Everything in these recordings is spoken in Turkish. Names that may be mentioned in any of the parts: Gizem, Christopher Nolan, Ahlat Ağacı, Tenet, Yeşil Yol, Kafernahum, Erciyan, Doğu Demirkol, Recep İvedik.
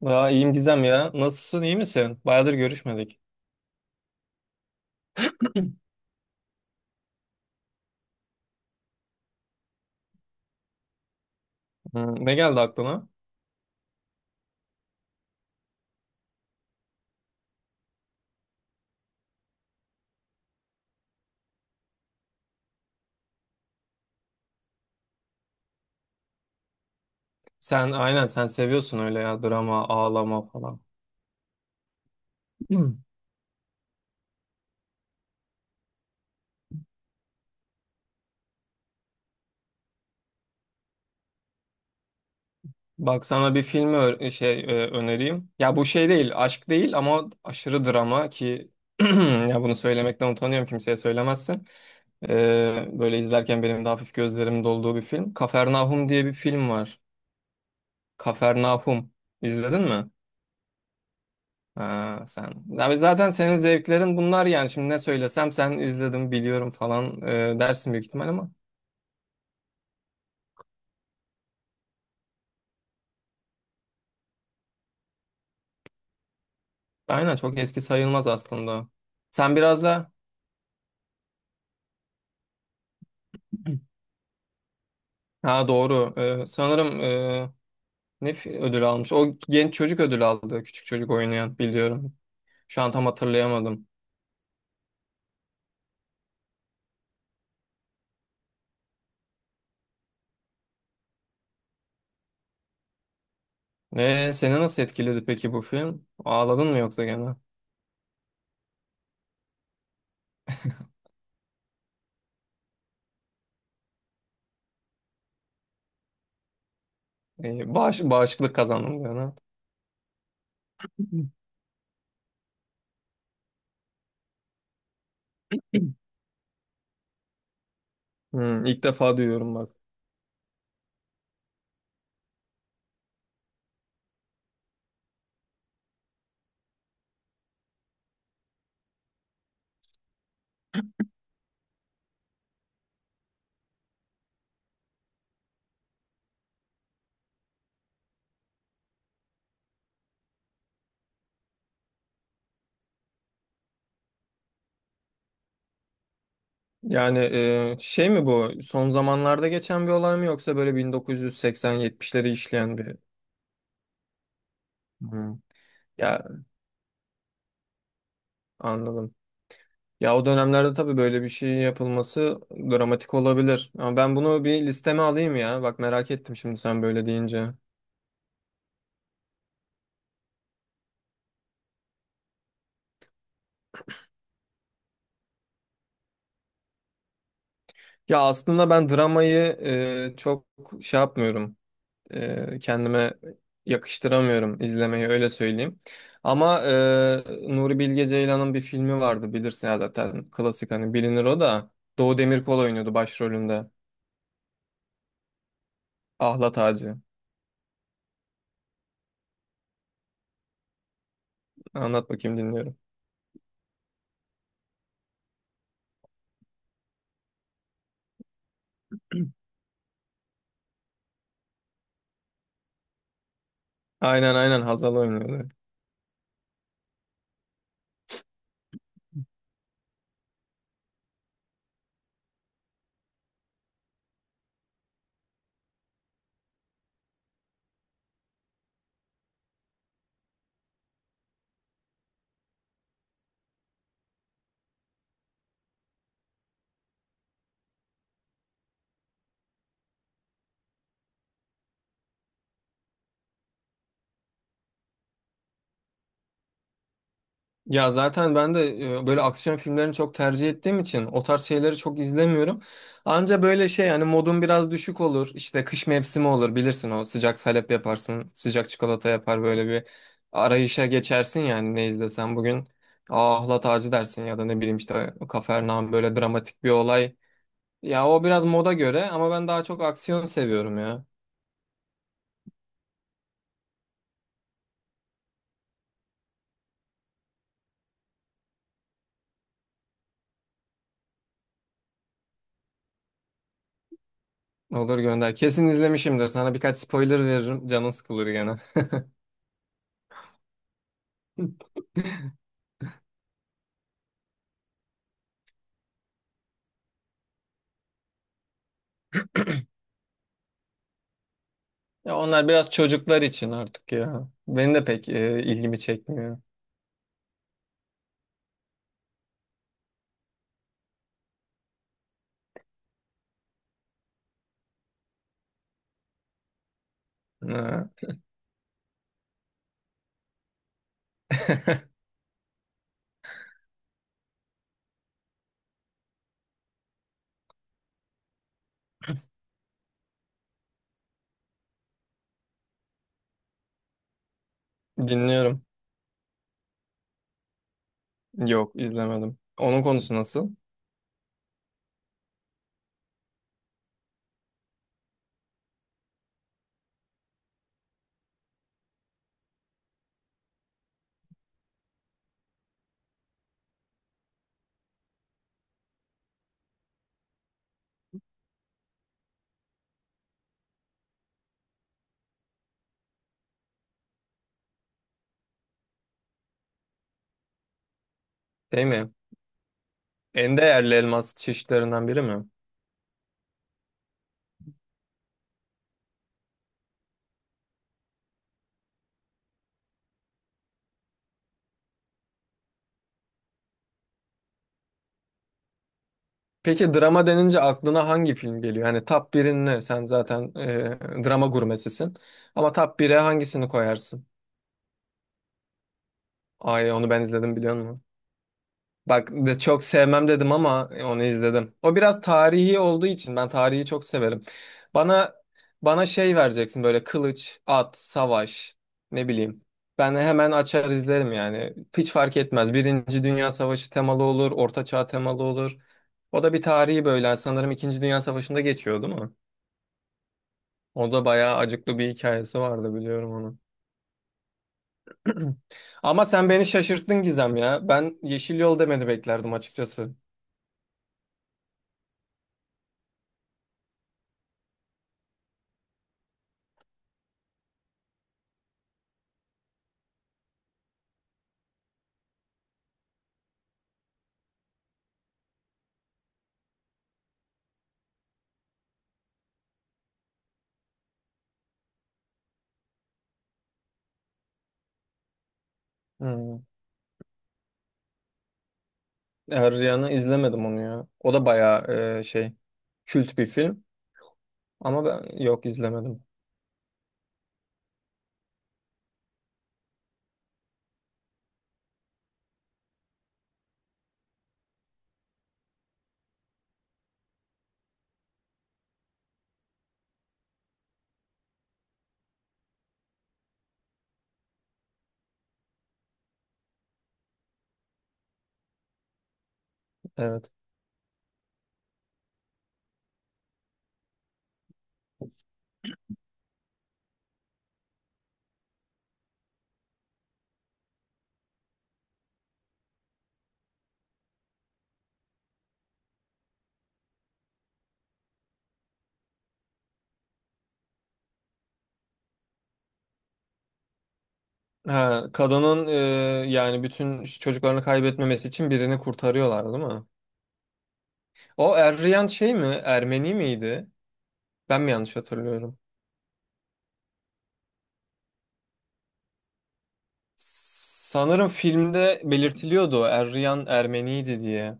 Ya iyiyim Gizem ya. Nasılsın, iyi misin? Bayağıdır görüşmedik. Hmm, ne geldi aklına? Sen seviyorsun öyle ya drama, ağlama falan. Hmm. Bak sana bir filmi önereyim. Ya bu şey değil, aşk değil ama aşırı drama ki ya bunu söylemekten utanıyorum kimseye söylemezsin. Böyle izlerken benim de hafif gözlerim dolduğu bir film. Kafernahum diye bir film var. Kafernahum. İzledin mi? Ha, sen. Abi zaten senin zevklerin bunlar yani. Şimdi ne söylesem sen izledim biliyorum falan dersin büyük ihtimal ama. Aynen çok eski sayılmaz aslında. Sen biraz da ha doğru. Sanırım, ne ödül almış? O genç çocuk ödül aldı. Küçük çocuk oynayan biliyorum. Şu an tam hatırlayamadım. Seni nasıl etkiledi peki bu film? Ağladın mı yoksa gene? Bağışıklık kazandın gene. Hı, ilk defa duyuyorum bak. Yani şey mi bu? Son zamanlarda geçen bir olay mı yoksa böyle 1980-70'leri işleyen bir hı. Ya anladım. Ya o dönemlerde tabii böyle bir şey yapılması dramatik olabilir. Ama ben bunu bir listeme alayım ya. Bak merak ettim şimdi sen böyle deyince. Ya aslında ben dramayı çok şey yapmıyorum. Kendime yakıştıramıyorum izlemeyi öyle söyleyeyim. Ama Nuri Bilge Ceylan'ın bir filmi vardı bilirsin ya zaten klasik hani bilinir o da Doğu Demirkol oynuyordu başrolünde. Ahlat Ağacı. Anlat bakayım dinliyorum. Aynen Hazal oynuyordu. Ya zaten ben de böyle aksiyon filmlerini çok tercih ettiğim için o tarz şeyleri çok izlemiyorum. Anca böyle şey hani modum biraz düşük olur. İşte kış mevsimi olur bilirsin o sıcak salep yaparsın. Sıcak çikolata yapar böyle bir arayışa geçersin yani ne izlesen bugün. Aa ahlat ağacı dersin ya da ne bileyim işte Kafernaum böyle dramatik bir olay. Ya o biraz moda göre ama ben daha çok aksiyon seviyorum ya. Olur gönder. Kesin izlemişimdir. Sana birkaç spoiler veririm. Canın sıkılır gene. Ya onlar biraz çocuklar için artık ya. Benim de pek ilgimi çekmiyor. Ha. Dinliyorum. Yok izlemedim. Onun konusu nasıl? Şey mi? En değerli elmas çeşitlerinden biri mi? Peki drama denince aklına hangi film geliyor? Hani top 1'in ne? Sen zaten drama gurmesisin. Ama top 1'e hangisini koyarsın? Ay onu ben izledim biliyor musun? Bak de çok sevmem dedim ama onu izledim. O biraz tarihi olduğu için ben tarihi çok severim. Bana bana şey vereceksin böyle kılıç, at, savaş ne bileyim. Ben hemen açar izlerim yani. Hiç fark etmez. Birinci Dünya Savaşı temalı olur, Orta Çağ temalı olur. O da bir tarihi böyle sanırım İkinci Dünya Savaşı'nda geçiyor değil mi? O da bayağı acıklı bir hikayesi vardı biliyorum onu. Ama sen beni şaşırttın Gizem ya. Ben Yeşil Yol demeni beklerdim açıkçası. Hmm. Erciyan'ı izlemedim onu ya. O da bayağı e, şey kült bir film ama ben yok izlemedim. Evet. Ha, kadının yani bütün çocuklarını kaybetmemesi için birini kurtarıyorlar değil mi? O Erriyan şey mi? Ermeni miydi? Ben mi yanlış hatırlıyorum? Sanırım filmde belirtiliyordu o Eryan Ermeniydi diye.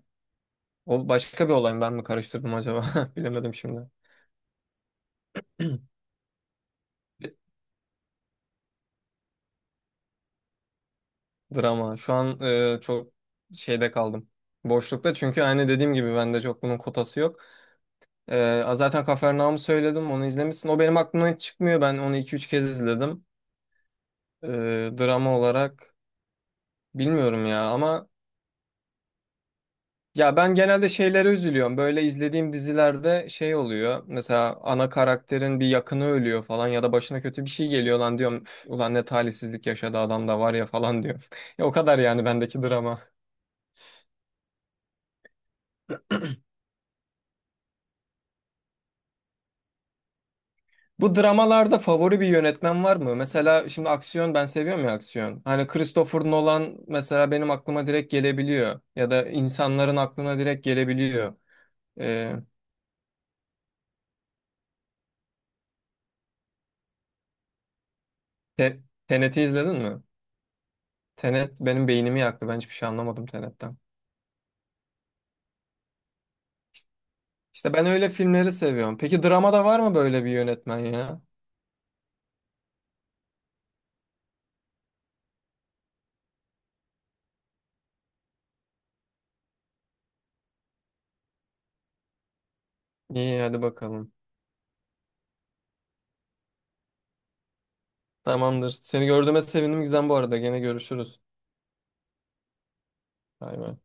O başka bir olay mı ben mi karıştırdım acaba? Bilemedim şimdi. Drama. Şu an çok şeyde kaldım. Boşlukta çünkü aynı dediğim gibi bende çok bunun kotası yok. Zaten Kafernaum'u söyledim onu izlemişsin. O benim aklımdan hiç çıkmıyor. Ben onu 2 3 kez izledim. E, Drama olarak bilmiyorum ya ama ya ben genelde şeylere üzülüyorum. Böyle izlediğim dizilerde şey oluyor. Mesela ana karakterin bir yakını ölüyor falan ya da başına kötü bir şey geliyor lan diyorum. "Üf, ulan ne talihsizlik yaşadı adam da var ya falan diyorum. Ya o kadar yani bendeki drama. Bu dramalarda favori bir yönetmen var mı? Mesela şimdi aksiyon ben seviyorum ya aksiyon. Hani Christopher Nolan mesela benim aklıma direkt gelebiliyor. Ya da insanların aklına direkt gelebiliyor. Ee, Te- Tenet'i izledin mi? Tenet benim beynimi yaktı. Ben hiçbir şey anlamadım Tenet'ten. İşte ben öyle filmleri seviyorum. Peki dramada var mı böyle bir yönetmen ya? İyi hadi bakalım. Tamamdır. Seni gördüğüme sevindim Gizem bu arada. Gene görüşürüz. Bay bay.